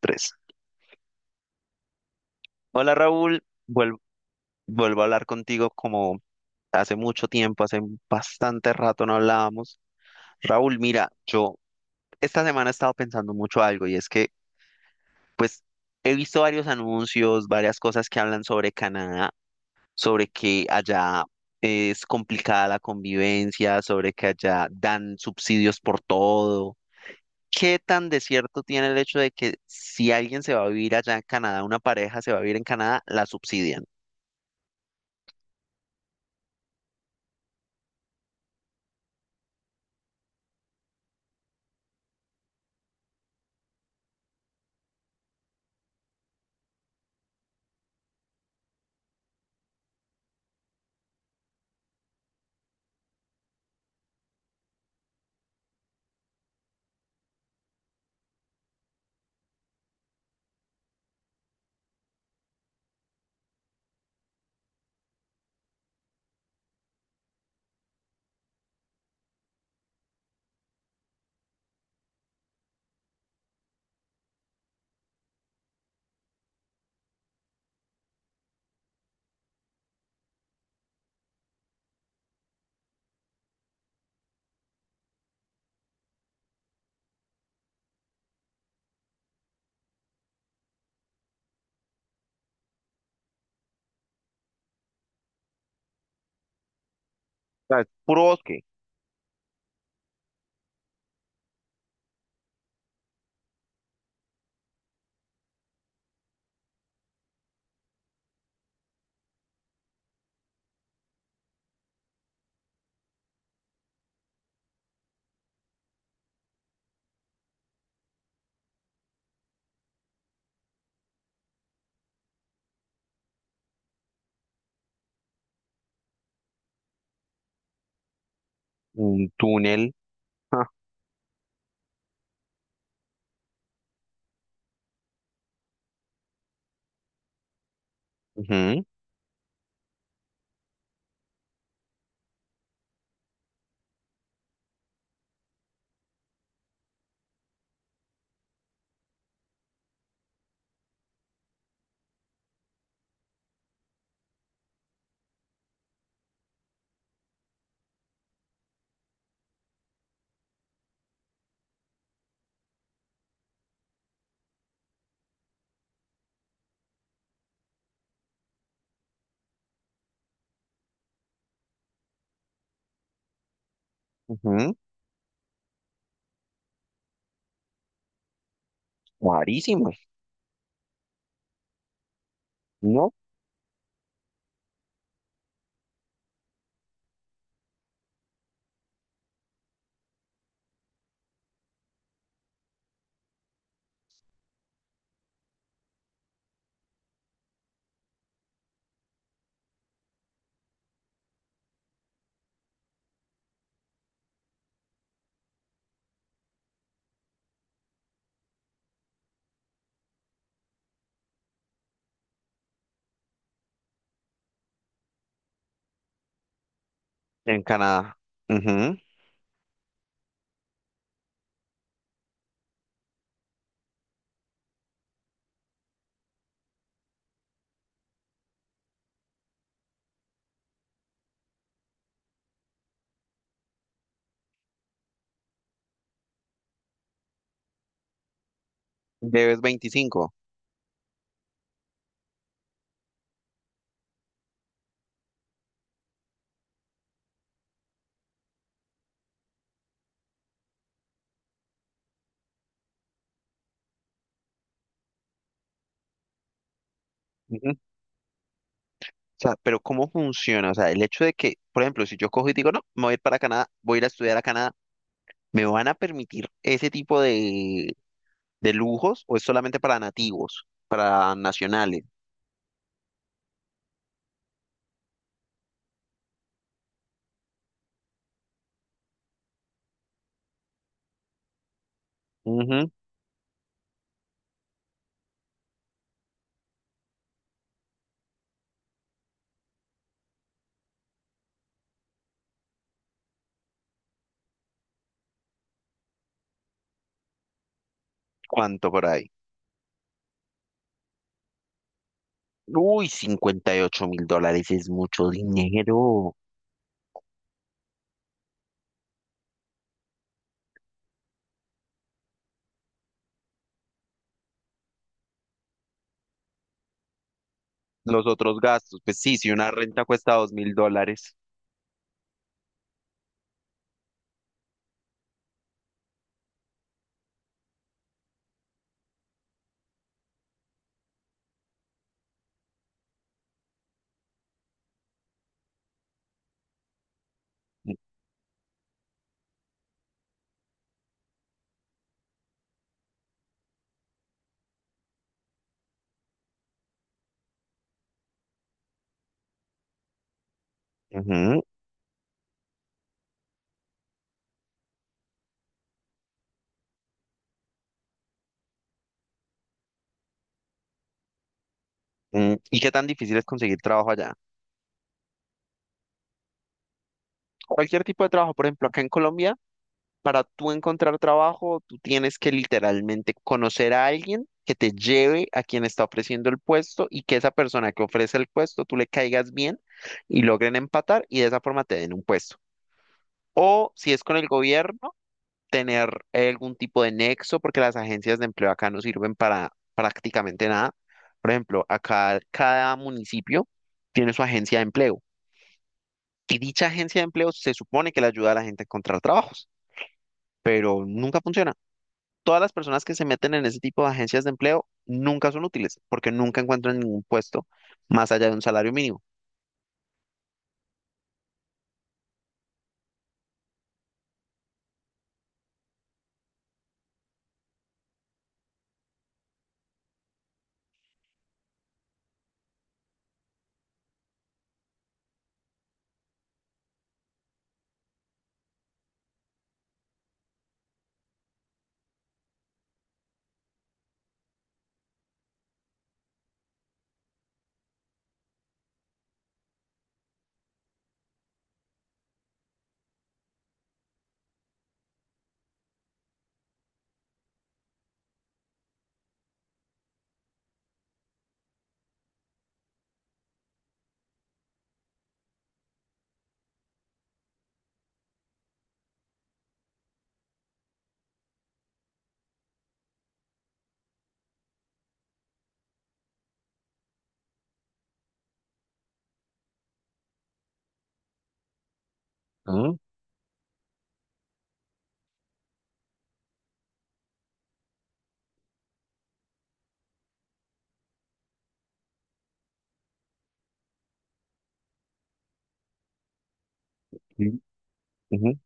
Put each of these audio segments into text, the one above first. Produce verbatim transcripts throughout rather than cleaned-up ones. Tres. Hola Raúl, Vuel- vuelvo a hablar contigo como hace mucho tiempo, hace bastante rato no hablábamos. Raúl, mira, yo esta semana he estado pensando mucho algo, y es que pues he visto varios anuncios, varias cosas que hablan sobre Canadá, sobre que allá es complicada la convivencia, sobre que allá dan subsidios por todo. ¿Qué tan desierto tiene el hecho de que si alguien se va a vivir allá en Canadá, una pareja se va a vivir en Canadá, la subsidian? O sea, es puro bosque. Un túnel. Ah. Ujú. Ujú. ¡Carísimo! ¿No? En Canadá. Ujú. Debes veinticinco. Ujú. O sea, pero ¿cómo funciona? O sea, el hecho de que, por ejemplo, si yo cojo y digo, no, me voy a ir para Canadá, voy a ir a estudiar a Canadá, ¿me van a permitir ese tipo de, de lujos o es solamente para nativos, para nacionales? Ujú. ¿Cuánto por ahí? Uy, cincuenta y ocho mil dólares es mucho dinero. Los otros gastos, pues sí, si una renta cuesta dos mil dólares. Ujú. Mm, ¿y qué tan difícil es conseguir trabajo allá? Cualquier tipo de trabajo, por ejemplo, acá en Colombia. Para tú encontrar trabajo, tú tienes que literalmente conocer a alguien que te lleve a quien está ofreciendo el puesto y que esa persona que ofrece el puesto, tú le caigas bien y logren empatar, y de esa forma te den un puesto. O si es con el gobierno, tener algún tipo de nexo, porque las agencias de empleo acá no sirven para prácticamente nada. Por ejemplo, acá cada municipio tiene su agencia de empleo, y dicha agencia de empleo se supone que le ayuda a la gente a encontrar trabajos, pero nunca funciona. Todas las personas que se meten en ese tipo de agencias de empleo nunca son útiles porque nunca encuentran ningún puesto más allá de un salario mínimo. Ah, sí. Ujú.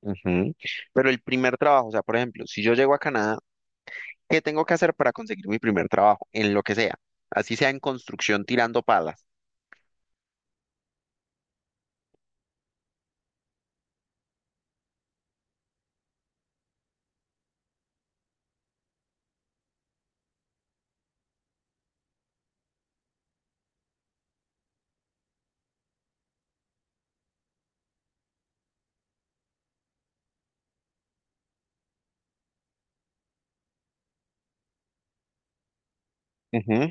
Ujú. Pero el primer trabajo, o sea, por ejemplo, si yo llego a Canadá, ¿qué tengo que hacer para conseguir mi primer trabajo? En lo que sea, así sea en construcción tirando palas. Ujú.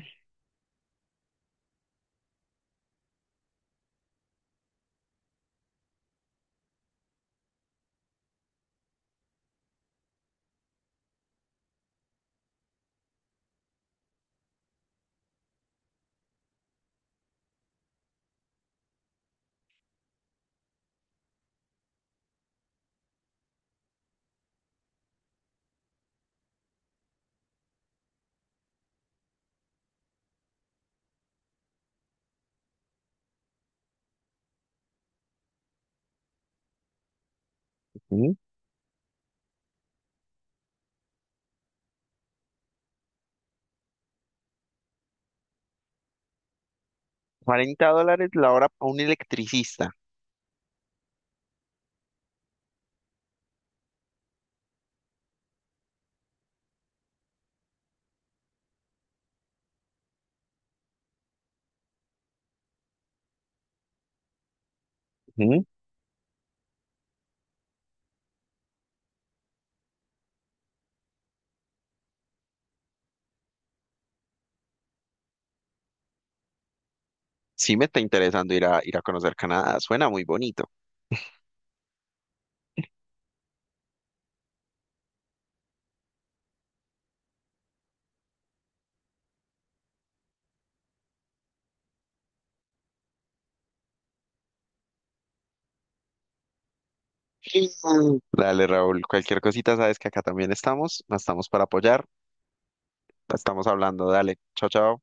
Ujú, cuarenta dólares la hora a un electricista. Ujú. Sí me está interesando ir a, ir a conocer Canadá, suena muy bonito. Dale, Raúl, cualquier cosita, sabes que acá también estamos, estamos para apoyar, estamos hablando, dale, chao, chao.